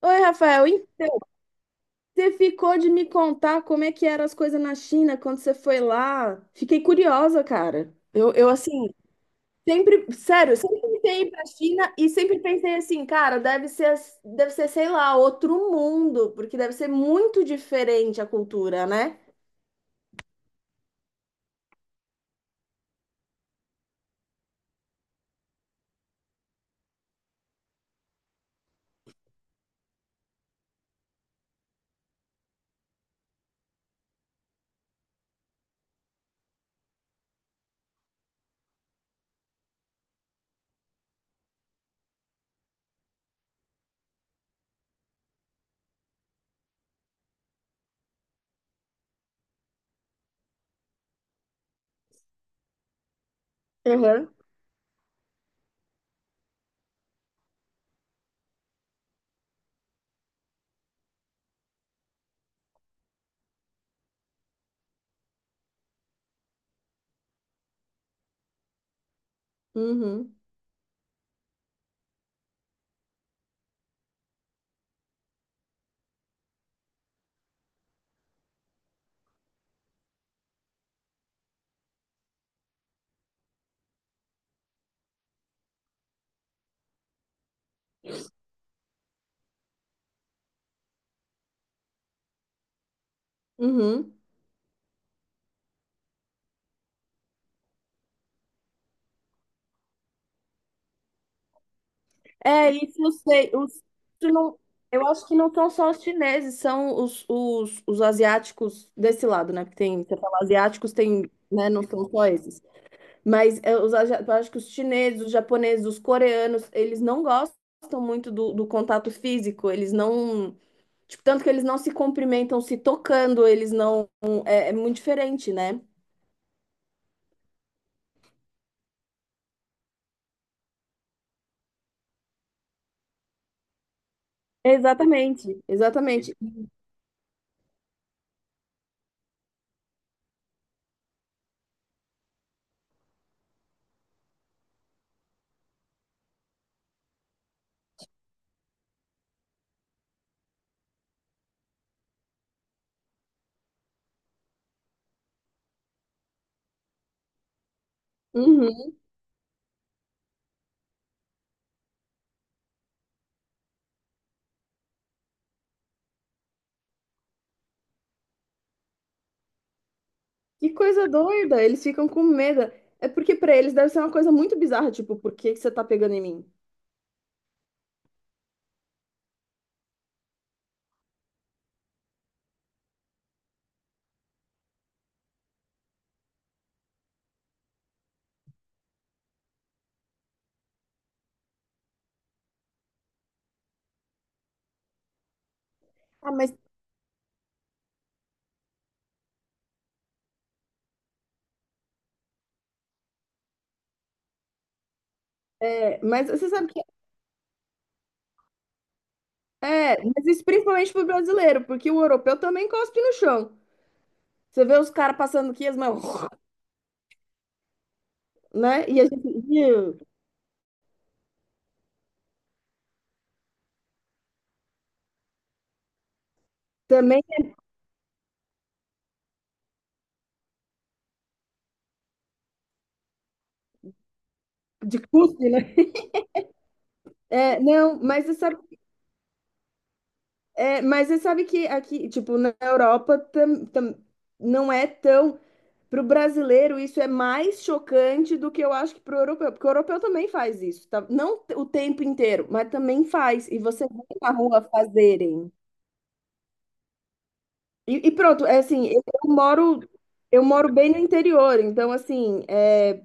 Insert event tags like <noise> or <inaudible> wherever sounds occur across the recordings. Oi, Rafael, e você ficou de me contar como é que eram as coisas na China quando você foi lá? Fiquei curiosa, cara. Eu assim, sempre, sério, sempre tentei ir pra China e sempre pensei assim, cara, deve ser, deve ser, sei lá, outro mundo, porque deve ser muito diferente a cultura, né? Uhum. Uhum. Uhum. É, isso eu sei. Os, isso não, Eu acho que não são só os chineses, são os asiáticos desse lado, né? Porque tem, você fala asiáticos, tem, né? Não são só esses. Mas é, eu acho que os chineses, os japoneses, os coreanos, eles não gostam muito do contato físico. Eles não. Tipo, tanto que eles não se cumprimentam se tocando, eles não. É, é muito diferente, né? Exatamente, exatamente. Uhum. Que coisa doida, eles ficam com medo. É porque pra eles deve ser uma coisa muito bizarra, tipo, por que que você tá pegando em mim? Ah, mas é, mas você sabe que é, mas isso principalmente pro brasileiro, porque o europeu também cospe no chão. Você vê os caras passando aqui, as mãos, <laughs> né? E a gente "Ih", também de cuspe, né? É, não, mas você sabe, é, mas você sabe que aqui, tipo, na Europa não é tão. Para o brasileiro, isso é mais chocante do que eu acho que para o europeu, porque o europeu também faz isso, tá? Não o tempo inteiro, mas também faz. E você vê na rua fazerem. É assim, eu moro bem no interior, então assim, é,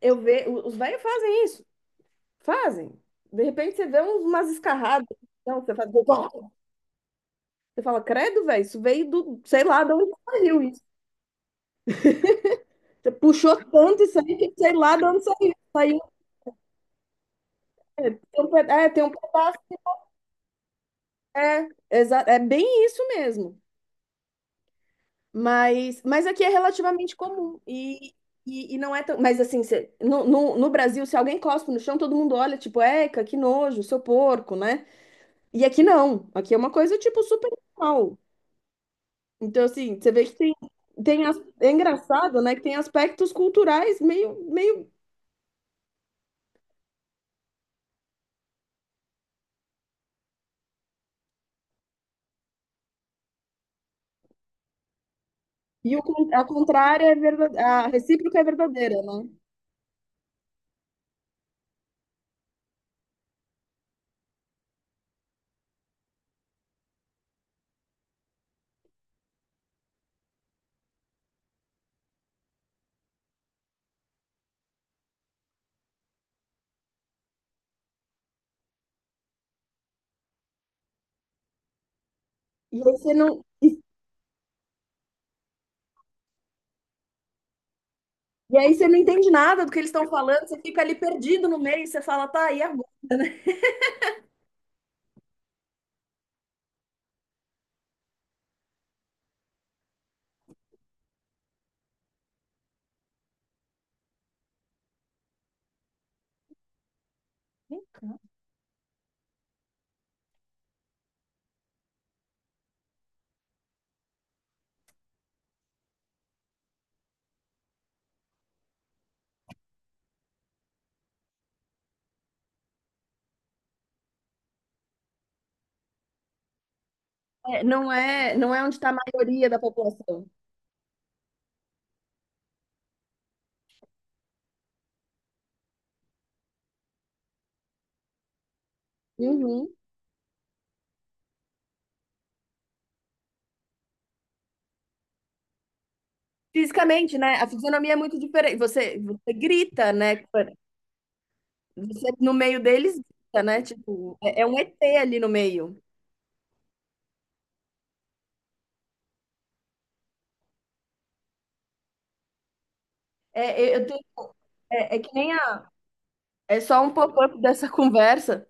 eu vejo, os velhos fazem isso, fazem. De repente você vê umas escarradas, então você faz, você fala, credo, velho, isso veio do, sei lá de onde saiu isso. Você puxou tanto isso aí que sei lá de onde saiu. Saiu, é, tem um pedaço. É bem isso mesmo. Mas aqui é relativamente comum. E não é tão. Mas assim, no Brasil, se alguém cospe no chão, todo mundo olha, tipo, eca, que nojo, seu porco, né? E aqui não. Aqui é uma coisa, tipo, super normal. Então, assim, você vê que tem, tem é engraçado, né? Que tem aspectos culturais meio. E o, a contrária é verdadeira, a recíproca é verdadeira, né? E aí você não, E aí você não entende nada do que eles estão falando, você fica ali perdido no meio, você fala, tá, e agora, né? É, não é, não é onde está a maioria da população. Uhum. Fisicamente, né? A fisionomia é muito diferente. Você, você grita, né? Você no meio deles grita, né? Tipo, é, é um ET ali no meio. É, eu eu tenho, é, é que nem a. É só um pop-up dessa conversa.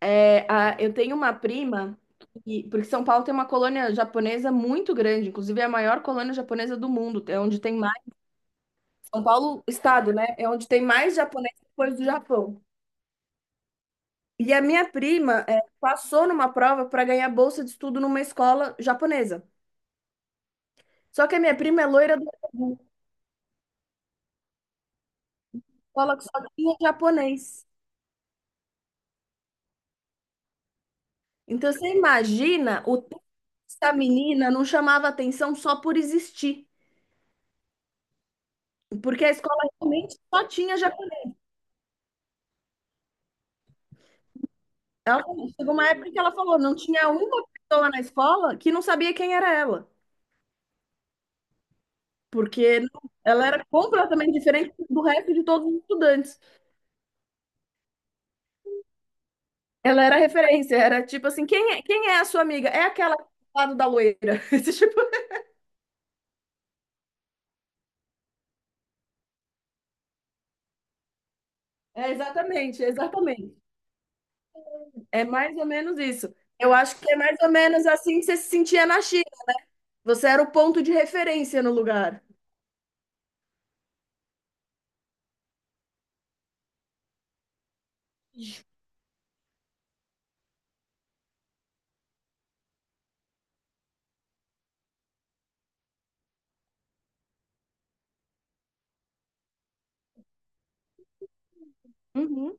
É, a, eu tenho uma prima, porque São Paulo tem uma colônia japonesa muito grande, inclusive é a maior colônia japonesa do mundo, é onde tem São Paulo, estado, né? É onde tem mais japonês depois do Japão. E a minha prima é, passou numa prova para ganhar bolsa de estudo numa escola japonesa. Só que a minha prima é loira do Sul, escola que só tinha japonês. Então você imagina o tanto que essa menina não chamava atenção só por existir, porque a escola realmente só tinha japonês. Chegou uma época que ela falou, não tinha uma pessoa na escola que não sabia quem era ela, porque ela era completamente diferente do resto de todos os estudantes. Ela era referência, era tipo assim, quem é a sua amiga? É aquela do lado da loira. <laughs> Esse tipo. Exatamente. É mais ou menos isso. Eu acho que é mais ou menos assim que você se sentia na China. Você era o ponto de referência no lugar. Uhum.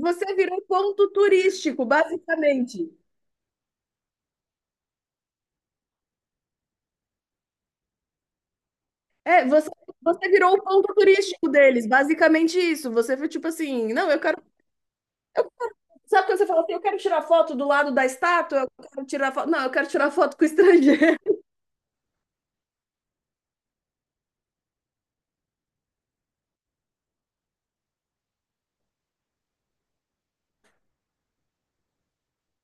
Você virou ponto turístico, basicamente. É, você, você virou o ponto turístico deles, basicamente isso. Você foi tipo assim, não, eu quero. eu- sabe quando você fala assim, eu quero tirar foto do lado da estátua? Eu quero tirar foto. Não, eu quero tirar foto com o estrangeiro.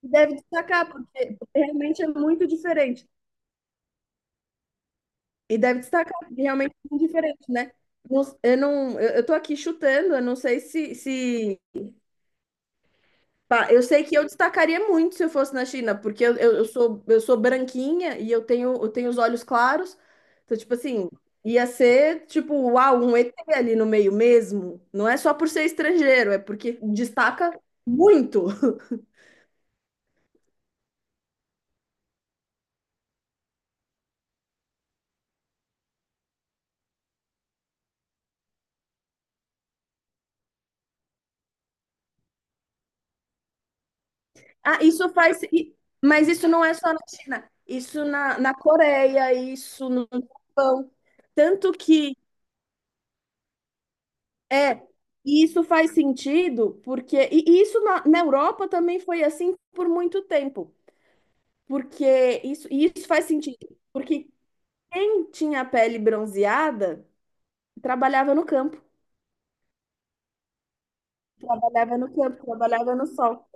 E deve destacar, porque realmente é muito diferente. E deve destacar, porque realmente é muito diferente, né? Eu não, eu tô aqui chutando, eu não sei se... pá, eu sei que eu destacaria muito se eu fosse na China, porque eu sou branquinha e eu tenho os olhos claros. Então, tipo assim, ia ser, tipo, uau, um ET ali no meio mesmo. Não é só por ser estrangeiro, é porque destaca muito. Ah, isso faz. Mas isso não é só na China. Isso na Coreia, isso no Japão. Tanto que é. E isso faz sentido, porque. E isso na Europa também foi assim por muito tempo. Porque isso, e isso faz sentido. Porque quem tinha a pele bronzeada trabalhava no campo, trabalhava no sol.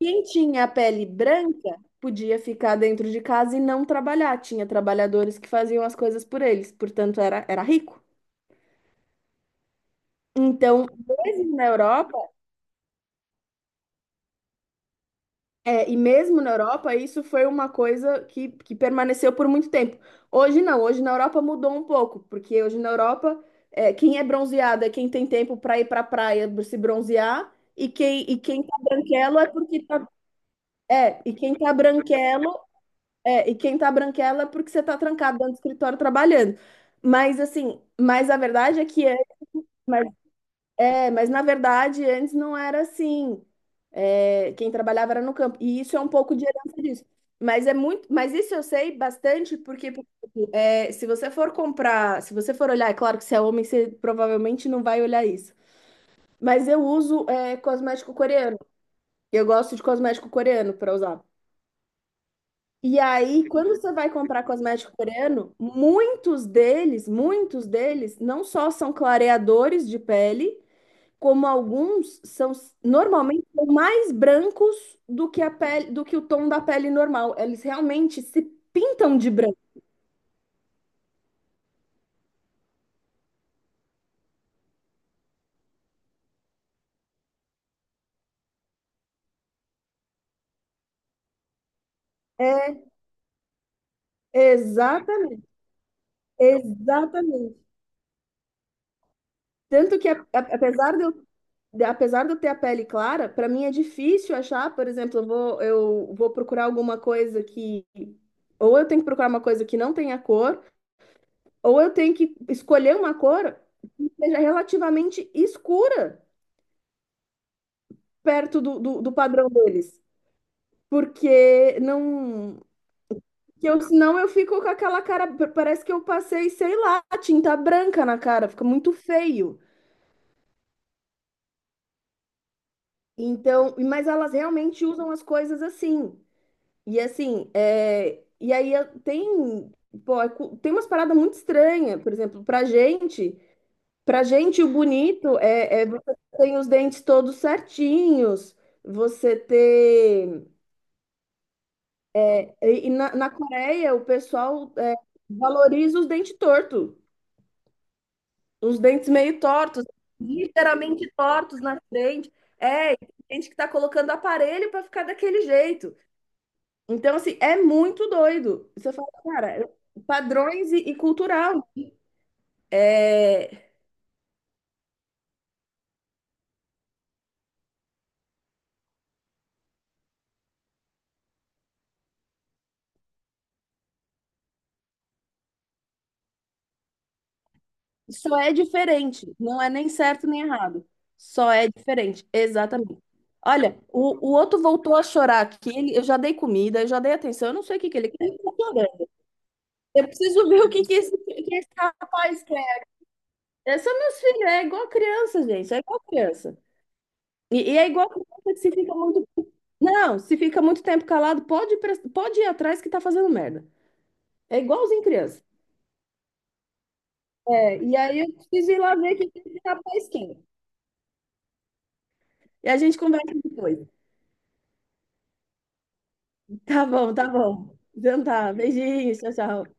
Quem tinha a pele branca podia ficar dentro de casa e não trabalhar. Tinha trabalhadores que faziam as coisas por eles, portanto era rico. Então, mesmo na Europa, mesmo na Europa, isso foi uma coisa que permaneceu por muito tempo. Hoje não, hoje na Europa mudou um pouco, porque hoje na Europa, é, quem é bronzeado é quem tem tempo para ir para a praia se bronzear, e quem tá branquelo é porque tá, é, e quem tá branquelo é, e quem tá branquela é porque você tá trancado dentro do escritório trabalhando. Mas assim, mas a verdade é que antes, mas, na verdade antes não era assim. É, quem trabalhava era no campo. E isso é um pouco de herança disso. Mas é muito, mas isso eu sei bastante porque é, se você for comprar, se você for olhar, é claro que se é homem, você provavelmente não vai olhar isso. Mas eu uso é, cosmético coreano. Eu gosto de cosmético coreano para usar. E aí, quando você vai comprar cosmético coreano, muitos deles, não só são clareadores de pele, como alguns são normalmente são mais brancos do que a pele, do que o tom da pele normal. Eles realmente se pintam de branco. Exatamente, exatamente. Tanto que, apesar de eu ter a pele clara, para mim é difícil achar, por exemplo, eu vou procurar alguma coisa que. Ou eu tenho que procurar uma coisa que não tenha cor, ou eu tenho que escolher uma cor que seja relativamente escura perto do padrão deles. Porque não. Que eu, senão eu fico com aquela cara. Parece que eu passei, sei lá, tinta branca na cara, fica muito feio. Então, mas elas realmente usam as coisas assim. E assim, pô, tem umas paradas muito estranhas, por exemplo, pra gente o bonito é, é você ter os dentes todos certinhos, você ter, na Coreia o pessoal é, valoriza os dentes tortos, os dentes meio tortos, literalmente tortos na frente, é, tem gente que tá colocando aparelho pra ficar daquele jeito. Então, assim, é muito doido. Você fala, cara, padrões e cultural. É, só é diferente. Não é nem certo nem errado. Só é diferente. Exatamente. Olha, o outro voltou a chorar aqui. Eu já dei comida, eu já dei atenção. Eu não sei o que que ele quer. Ele tá chorando. Eu preciso ver o que que esse rapaz quer. É, são meus filhos, é igual criança, gente. É igual criança. É igual criança que se fica muito. Não, se fica muito tempo calado, pode, pode ir atrás que tá fazendo merda. É igualzinho criança. É, e aí eu preciso ir lá ver que tá pra esquina. E a gente conversa depois. Tá bom, tá bom. Então tá. Beijinhos, tchau, tchau.